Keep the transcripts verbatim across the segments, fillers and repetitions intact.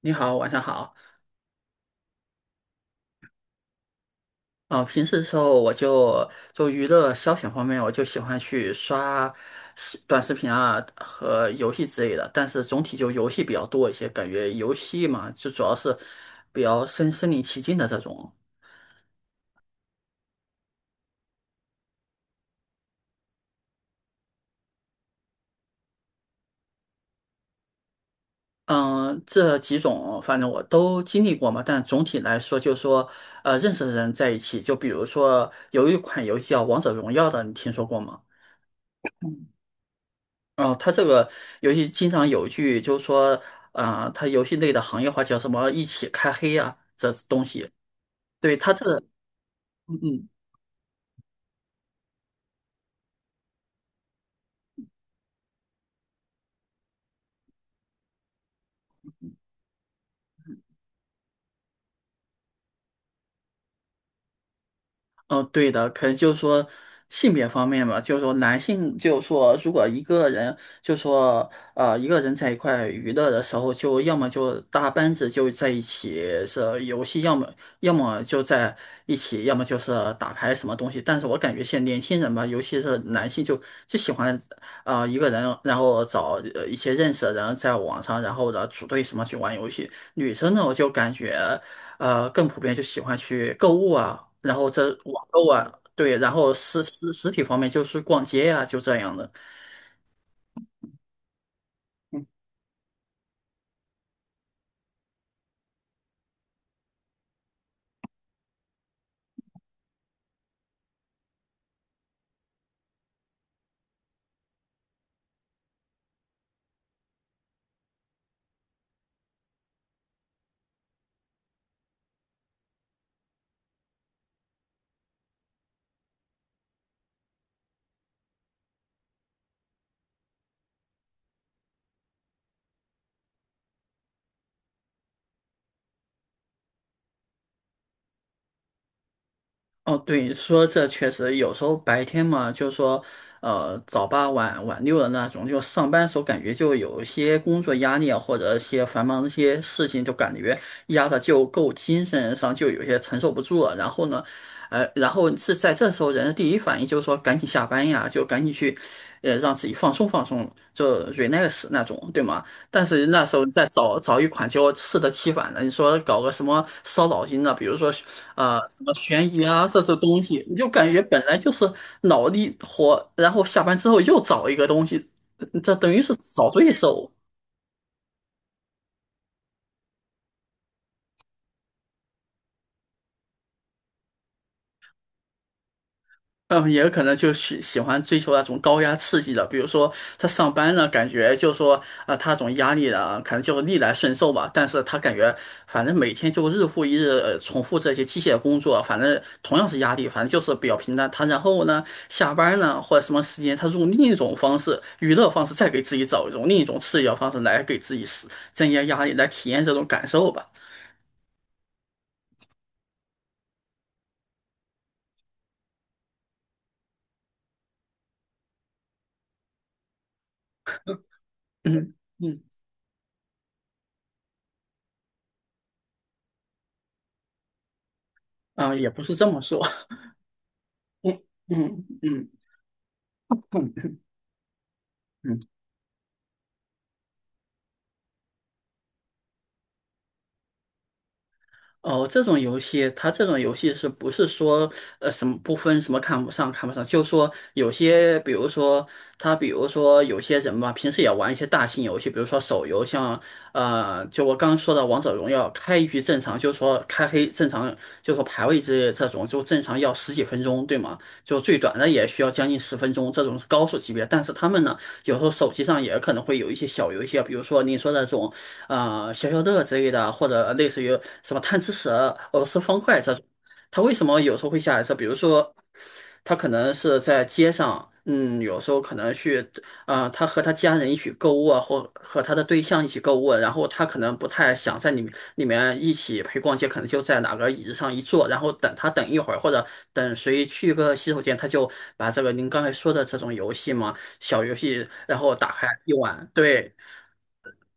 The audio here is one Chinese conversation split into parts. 你好，晚上好。呃，平时的时候我就就娱乐消遣方面，我就喜欢去刷视短视频啊和游戏之类的。但是总体就游戏比较多一些，感觉游戏嘛，就主要是比较身身临其境的这种。嗯，这几种反正我都经历过嘛，但总体来说，就是说，呃，认识的人在一起，就比如说有一款游戏叫《王者荣耀》的，你听说过吗？哦，它这个游戏经常有一句就是说，啊、它游戏内的行业化叫什么"一起开黑"啊，这东西。对，它这，嗯嗯。哦，呃对的，可能就是说性别方面嘛，就是说男性，就是说如果一个人，就是说呃一个人在一块娱乐的时候，就要么就大班子就在一起是游戏，要么要么就在一起，要么就是打牌什么东西。但是我感觉现在年轻人吧，尤其是男性就，就喜欢啊、呃一个人，然后找呃一些认识的人在网上，然后呢组队什么去玩游戏。女生呢，我就感觉。呃，更普遍就喜欢去购物啊，然后这网购啊，对，然后实实实体方面就是逛街呀，就这样的。哦，对，说这确实有时候白天嘛，就说，呃，早八晚晚六的那种，就上班时候感觉就有一些工作压力啊，或者一些繁忙的一些事情，就感觉压的就够精神上就有些承受不住了。然后呢，呃，然后是在这时候人的第一反应就是说赶紧下班呀，就赶紧去，呃，让自己放松放松，就 relax 那种，对吗？但是那时候再找找一款，结果适得其反的。你说搞个什么烧脑筋的，比如说呃什么悬疑啊这些东西，你就感觉本来就是脑力活，然后下班之后又找一个东西，嗯这等于是找罪受。嗯，也有可能就是喜欢追求那种高压刺激的，比如说他上班呢，感觉就是说啊、他这种压力呢，可能就逆来顺受吧。但是他感觉反正每天就日复一日、呃重复这些机械工作，反正同样是压力，反正就是比较平淡。他然后呢，下班呢或者什么时间，他用另一种方式、娱乐方式，再给自己找一种另一种刺激的方式来给自己施增加压力，来体验这种感受吧。嗯嗯，啊、也不是这么说。嗯嗯嗯。嗯。哦，这种游戏，它这种游戏是不是说，呃，什么不分什么看不上看不上？就说有些，比如说他，比如说有些人吧，平时也玩一些大型游戏，比如说手游，像呃，就我刚刚说的《王者荣耀》，开局正常，就说开黑正常，就说排位之类的这种，就正常要十几分钟，对吗？就最短的也需要将近十分钟，这种是高手级别。但是他们呢，有时候手机上也可能会有一些小游戏啊，比如说你说那种呃消消乐之类的，或者类似于什么贪吃蛇、俄罗斯方块这种，他为什么有时候会下一次？比如说，他可能是在街上，嗯，有时候可能去，呃，他和他家人一起购物啊，或和他的对象一起购物，然后他可能不太想在里面里面一起陪逛街，可能就在哪个椅子上一坐，然后等他等一会儿，或者等谁去个洗手间，他就把这个您刚才说的这种游戏嘛，小游戏，然后打开一玩，对。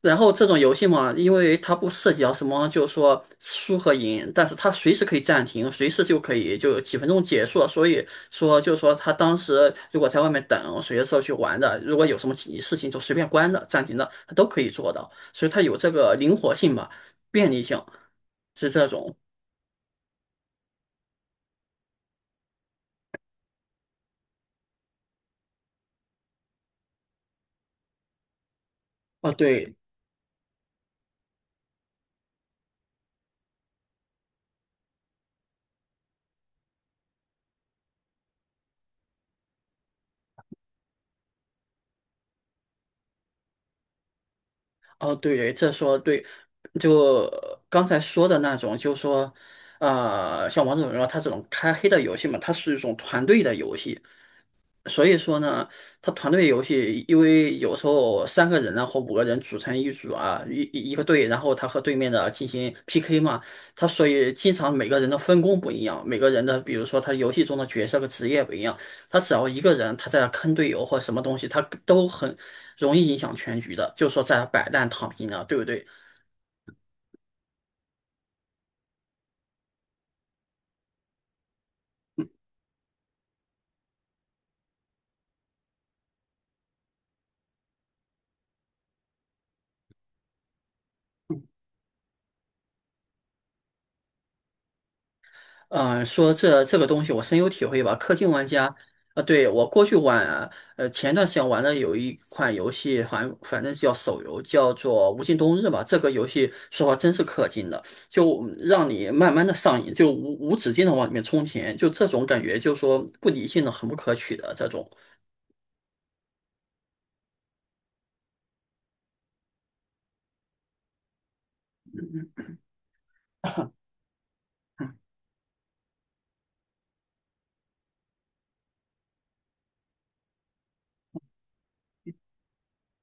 然后这种游戏嘛，因为它不涉及到什么，就是说输和赢，但是它随时可以暂停，随时就可以就几分钟结束了。所以说，就是说他当时如果在外面等，随时去玩的，如果有什么紧急事情就随便关的、暂停的，他都可以做到。所以它有这个灵活性吧，便利性是这种。哦，对，哦，对对，这说对，就刚才说的那种，就是说。呃，像王者荣耀它这种开黑的游戏嘛，它是一种团队的游戏，所以说呢，他团队游戏，因为有时候三个人啊或五个人组成一组啊，一一个队，然后他和对面的进行 P K 嘛，他所以经常每个人的分工不一样，每个人的比如说他游戏中的角色和职业不一样，他只要一个人他在坑队友或什么东西，他都很容易影响全局的，就说在摆烂躺平啊，对不对？嗯，呃说这这个东西我深有体会吧。氪金玩家，啊，对，我过去玩啊，呃，前段时间玩的有一款游戏，反反正叫手游，叫做《无尽冬日》吧。这个游戏说话真是氪金的，就让你慢慢的上瘾，就无无止境的往里面充钱，就这种感觉，就是说不理性的、很不可取的这种。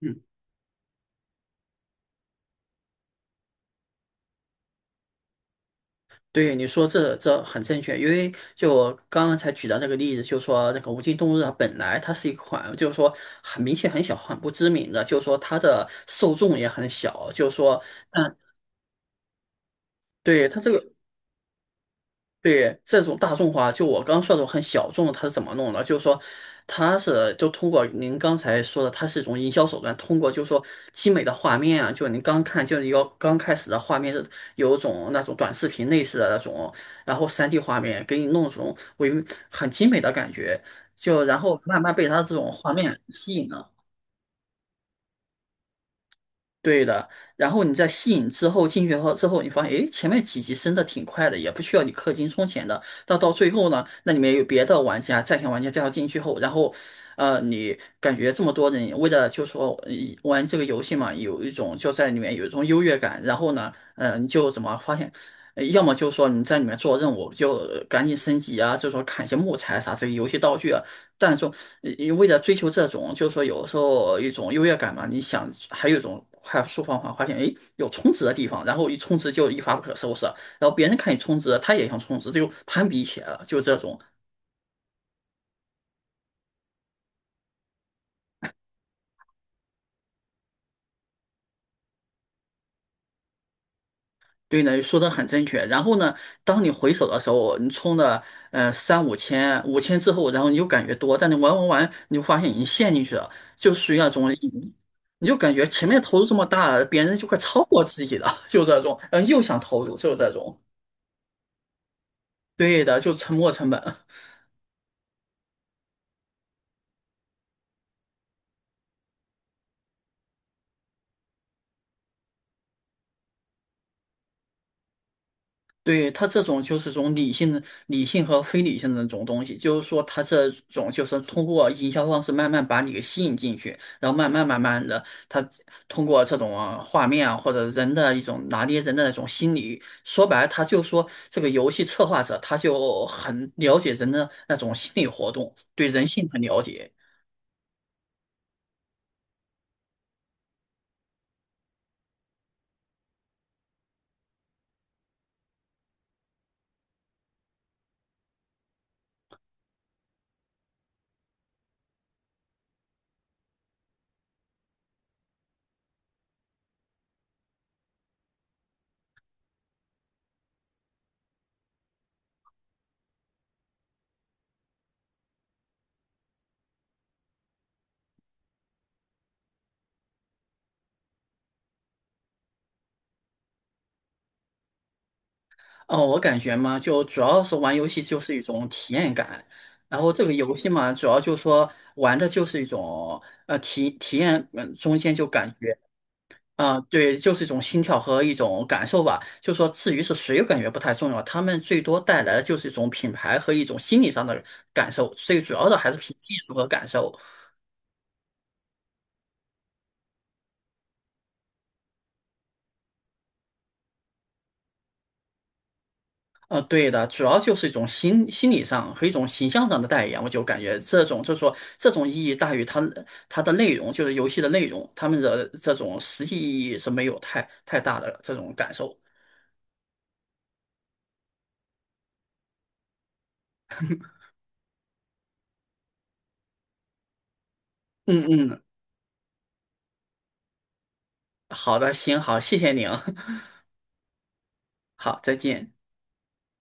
嗯。对你说这这很正确，因为就我刚刚才举的那个例子，就说那个无尽冬日》它本来它是一款，就是说很明显很小、很不知名的，就是说它的受众也很小，就是说，嗯，对它这个。对这种大众化，就我刚说的这种很小众的，它是怎么弄的？就是说，它是就通过您刚才说的，它是一种营销手段，通过就是说精美的画面啊，就您刚看就是要刚开始的画面是有一种那种短视频类似的那种，然后三 d 画面给你弄这种为很精美的感觉，就然后慢慢被它这种画面吸引了。对的，然后你在吸引之后进去后之后，你发现诶，前面几级升的挺快的，也不需要你氪金充钱的。到到最后呢，那里面有别的玩家、在线玩家介绍进去后，然后，呃，你感觉这么多人为了就说呃玩这个游戏嘛，有一种就在里面有一种优越感。然后呢，嗯，你就怎么发现，呃要么就说你在里面做任务就呃赶紧升级啊，就说砍一些木材啥这些游戏道具啊，但是说，你为了追求这种，就是说有时候一种优越感嘛，你想还有一种快速方法，发现诶有充值的地方，然后一充值就一发不可收拾，然后别人看你充值，他也想充值，这就攀比起来了，就这种。对呢，说的很正确。然后呢，当你回首的时候，你充了呃三五千、五千之后，然后你就感觉多，但你玩玩玩，你就发现已经陷进去了，就属于那种你就感觉前面投入这么大，别人就快超过自己了，就这种，嗯，又想投入，就这种。对的，就沉没成本。对，它这种就是种理性的、理性和非理性的那种东西，就是说它这种就是通过营销方式慢慢把你给吸引进去，然后慢慢慢慢的，它通过这种啊画面啊或者人的一种拿捏人的那种心理，说白了，他就说这个游戏策划者他就很了解人的那种心理活动，对人性很了解。哦，我感觉嘛，就主要是玩游戏就是一种体验感，然后这个游戏嘛，主要就是说玩的就是一种呃体体验，嗯，中间就感觉啊、对，就是一种心跳和一种感受吧。就说至于是谁，我感觉不太重要，他们最多带来的就是一种品牌和一种心理上的感受，最主要的还是凭技术和感受。呃，对的，主要就是一种心心理上和一种形象上的代言，我就感觉这种就是说这种意义大于它它的内容，就是游戏的内容，他们的这种实际意义是没有太太大的这种感受。嗯嗯，好的，行，好，谢谢您，好，再见。